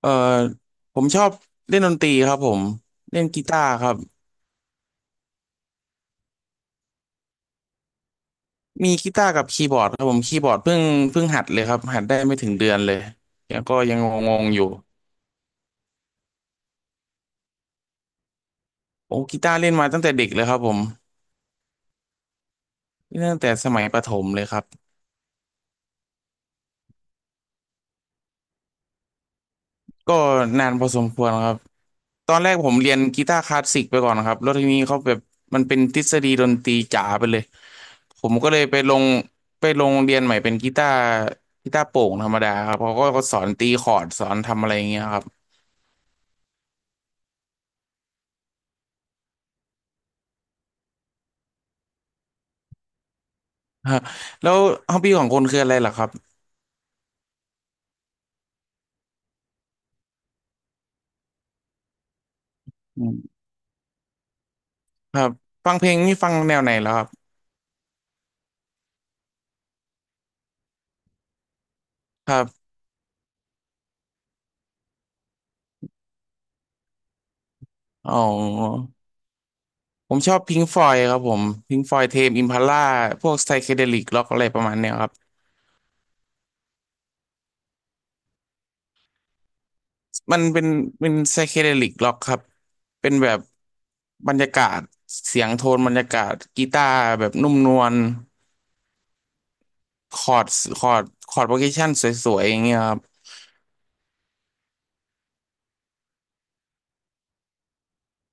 เอ่อผมชอบเล่นดนตรีครับผมเล่นกีตาร์ครับมีกีตาร์กับคีย์บอร์ดครับผมคีย์บอร์ดเพิ่งหัดเลยครับหัดได้ไม่ถึงเดือนเลยแล้วก็ยังงงๆอยู่โอ้กีตาร์เล่นมาตั้งแต่เด็กเลยครับผมเล่นตั้งแต่สมัยประถมเลยครับ ก็นานพอสมควรครับตอนแรกผมเรียนกีตาร์คลาสสิกไปก่อนครับแล้วทีนี้เขาแบบมันเป็นทฤษฎีดนตรีจ๋าไปเลยผมก็เลยไปลงเรียนใหม่เป็นกีตาร์กีตาร์โปร่งธรรมดาครับเขาก็สอนตีคอร์ดสอนทำอะไรอย่างเงี้ยครับ ฮะแล้วฮอบบี้ของคนคืออะไรล่ะครับอืมครับฟังเพลงนี่ฟังแนวไหนแล้วครับครับอ๋อผมชอบพิงฟอยครับผมพิงฟอยเทมอิมพัลล่าพวกไซเคเดลิกล็อกอะไรประมาณเนี้ยครับ มันเป็นไซเคเดลิกร็อกครับเป็นแบบบรรยากาศเสียงโทนบรรยากาศกีตาร์แบบนุ่มนวลคอร์ดคอร์ดคอร์ดโปรเกชันสวยๆอย่างเงี้ยครับ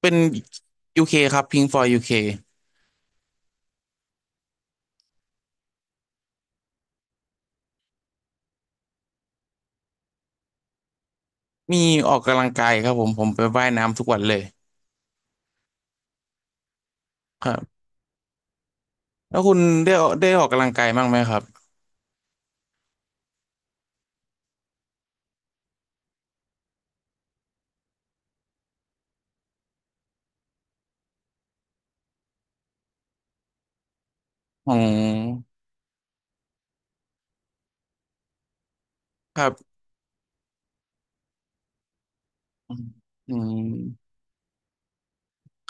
เป็น UK คครับ Pink Floyd UK มีออกกำลังกายครับผมไปว่ายน้ำทุกวันเลยครับแล้วคุณได้ได้ออกกำลังกายบ้างไหมครับอืมครับอืม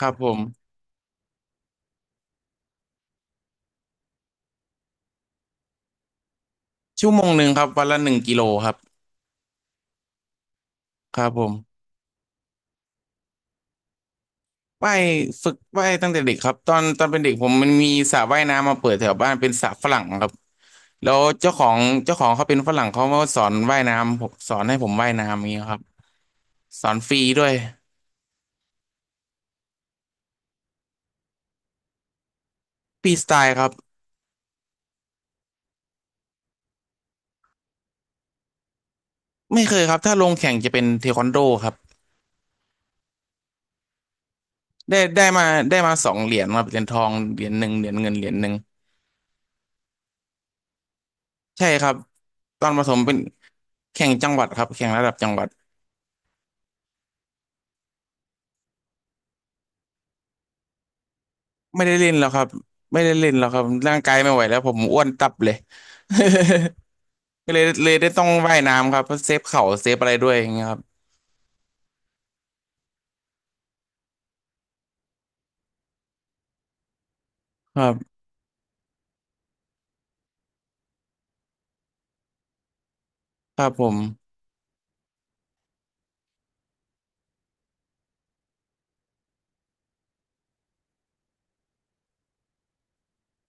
ครับผมชั่วโมงหนึ่งครับวันละหนึ่งกิโลครับครับผม ว่ายฝึกว่ายตั้งแต่เด็กครับตอนเป็นเด็กผมมันมีสระว่ายน้ำมาเปิดแถวบ้านเป็นสระฝรั่งครับแล้วเจ้าของเขาเป็นฝรั่งเขามาสอนว่ายน้ำผมสอนให้ผมว่ายน้ำอย่างเงี้ยครับสอนฟรีด้วยฟรีสไตล์ครับไม่เคยครับถ้าลงแข่งจะเป็นเทควันโดครับได้ได้มาได้มาสองเหรียญครับเหรียญทองเหรียญหนึ่งเหรียญเงินเหรียญหนึ่งใช่ครับตอนประถมเป็นแข่งจังหวัดครับแข่งระดับจังหวัดไม่ได้เล่นแล้วครับไม่ได้เล่นแล้วครับร่างกายไม่ไหวแล้วผมอ้วนตับเลย ก็เลยได้ต้องว่ายน้ำครับเพราะเซฟเข่าเซฟอะไรด้วยอย่างเงี้ยครับครับครับผม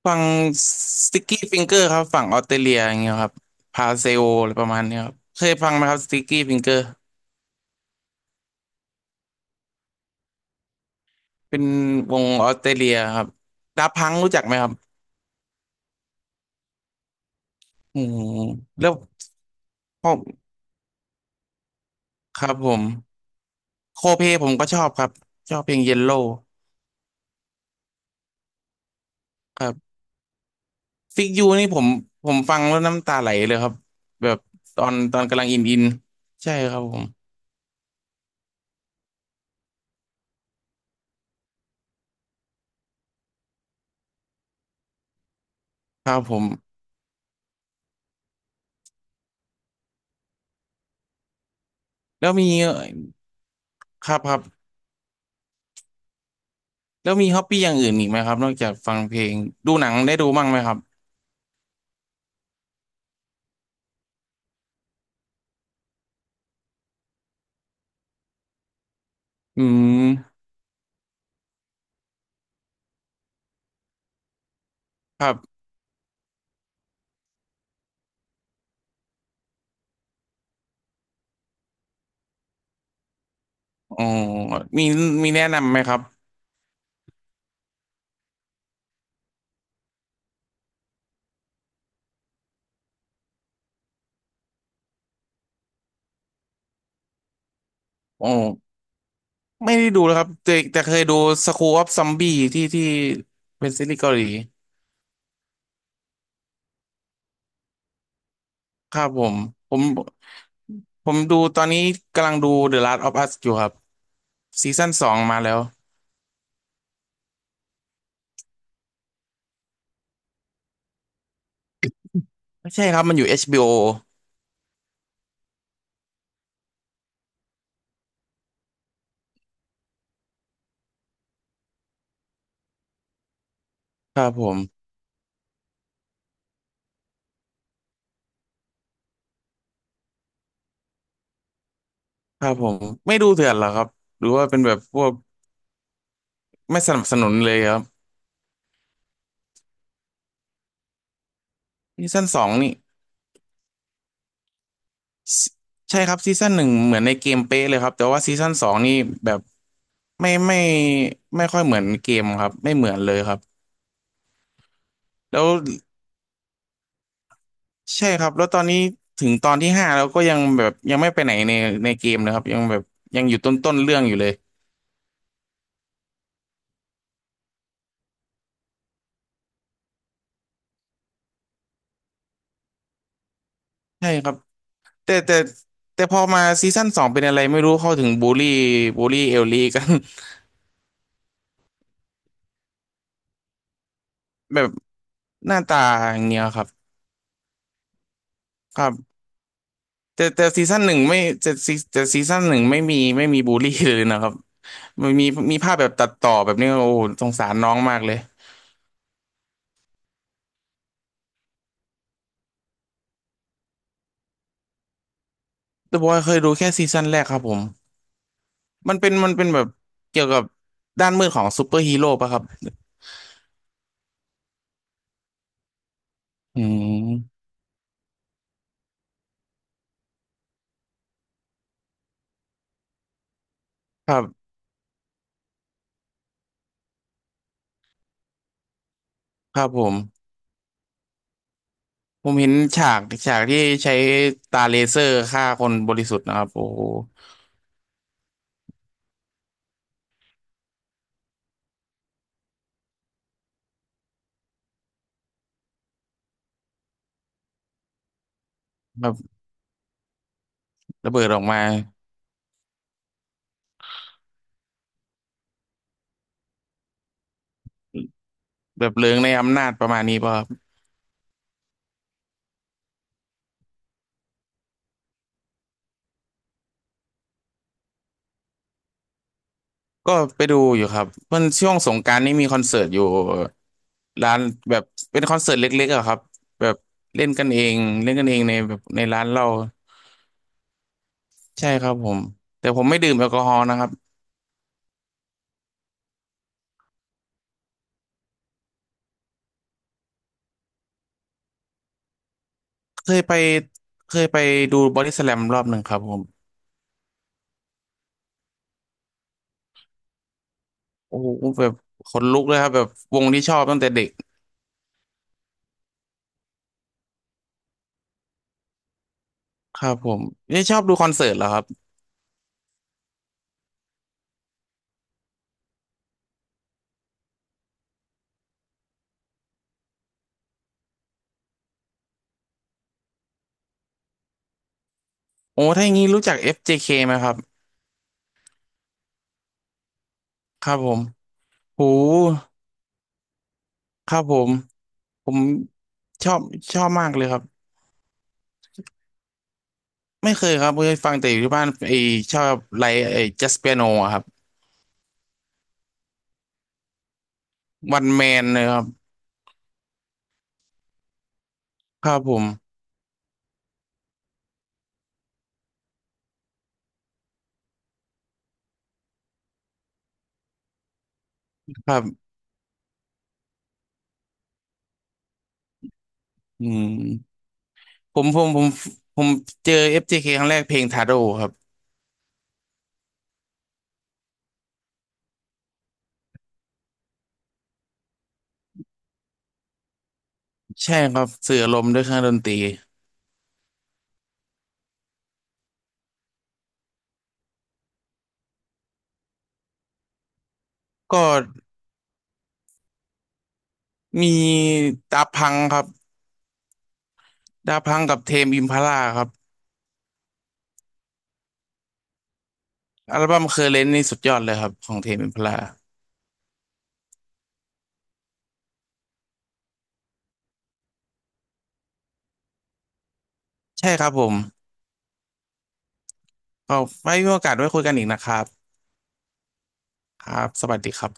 ฟังสติ c กี้ฟิงเกอร์ครับฝั่งออสเตรเลียอย่างเงี้ยครับพาเซโออะไรประมาณเนี้ยครับเคยฟังไหมครับสติ c กี้ฟิงเกอร์เป็นวงออสเตรเลียครับดาพังรู้จักไหมครับอืมแล้วพอครับผมโคเพผมก็ชอบครับชอบเพลงเยลโล่ครับฟิกยูนี่ผมฟังแล้วน้ำตาไหลเลยครับแบบตอนกำลังอินใช่ครับผมครับผมแล้วมี ครับครับแล้วมีฮอปปี้อย่างอื่นอีกไหมครับนอกจากฟังเพลงดูหนังได้ดูบ้างไหมครับอืมครับอ๋อมีมีแนะนำไหมครับอ๋อไม่ได้ดูเลยครับแต่เคยดู School of Zombie ที่เป็นซีรีส์เกาหลีครับผมผมดูตอนนี้กำลังดู The Last of Us อยู่ครับซีซั่นสองมาแล้วไม่ใช่ครับมันอยู่ HBO ครับผมครับผมไม่ดูเถื่อนเหรอครับหรือว่าเป็นแบบพวกไม่สนับสนุนเลยครับซีซั่นสองนี่ Si- ใช่ครับซีซั่นหนึ่งเหมือนในเกมเป๊ะเลยครับแต่ว่าซีซั่นสองนี่แบบไม่ไม่ค่อยเหมือนเกมครับไม่เหมือนเลยครับแล้วใช่ครับแล้วตอนนี้ถึงตอนที่ห้าแล้วก็ยังแบบยังไม่ไปไหนในเกมเลยครับยังแบบยังอยู่ต้นเรื่องอยู่เลยใช่ครับแต่แต่แต่พอมาซีซั่นสองเป็นอะไรไม่รู้เข้าถึงบูลลี่บูลลี่เอลลี่กัน แบบหน้าตาอย่างเงี้ยครับครับแต่ซีซั่นหนึ่งไม่แต่ซีซั่นหนึ่งไม่มีบูลลี่เลยนะครับ มันมีมีภาพแบบตัดต่อแบบนี้โอ้สงสารน้องมากเลยแต่บอกว่าเคยดูแค่ซีซั่นแรกครับผมมันเป็นแบบเกี่ยวกับด้านมืดของซูเปอร์ฮีโร่ป่ะครับอืมครับครับผมผมเห็นฉากที่ใช้ตาเลเซอร์ฆ่าคนบริสุทธิ์นะครับโอ้โหแบบระเบิดออกมาแบบเลิงในอำนาจประมาณนี้ป่ะครับก็ไปดูอยู่ครับเพื่อนช่วงสงกรานต์นี่มีคอนเสิร์ตอยู่ ร้านแบบเป็นคอนเสิร์ตเล็กๆอะครับแบบเล่นกันเองเล่นกันเองในแบบในร้านเราใช่ครับผมแต่ผมไม่ดื่มแอลกอฮอล์นะครับเคยไปเคยไปดูบอดี้สแลมรอบหนึ่งครับผมโอ้โหแบบขนลุกเลยครับแบบวงที่ชอบตั้งแต่เด็กครับผมนี่ชอบดูคอนเสิร์ตเหรอครับโอ้ถ้าอย่างนี้รู้จัก FJK ไหมครับครับผมโหครับผมผมชอบชอบมากเลยครับไม่เคยครับเคยฟังแต่อยู่ที่บ้านไอชอบไลฟ์ไอจัสเปียโนครับ วันแมนเลยครับครับผมครับอืมผมผมผมผมเจอ FJK คครั้งแรกเพลงทาโร่ครับใช่ครับสื่ออารมณ์ด้วยเครื่องดนตรีก็มีดาพังครับดาพังกับเทมอิมพาลาครับอัลบั้มเคอร์เรนนี่สุดยอดเลยครับของเทมอิมพาลาใช่ครับผมก็ไว้มีโอกาสไว้คุยกันอีกนะครับครับสวัสดีครับ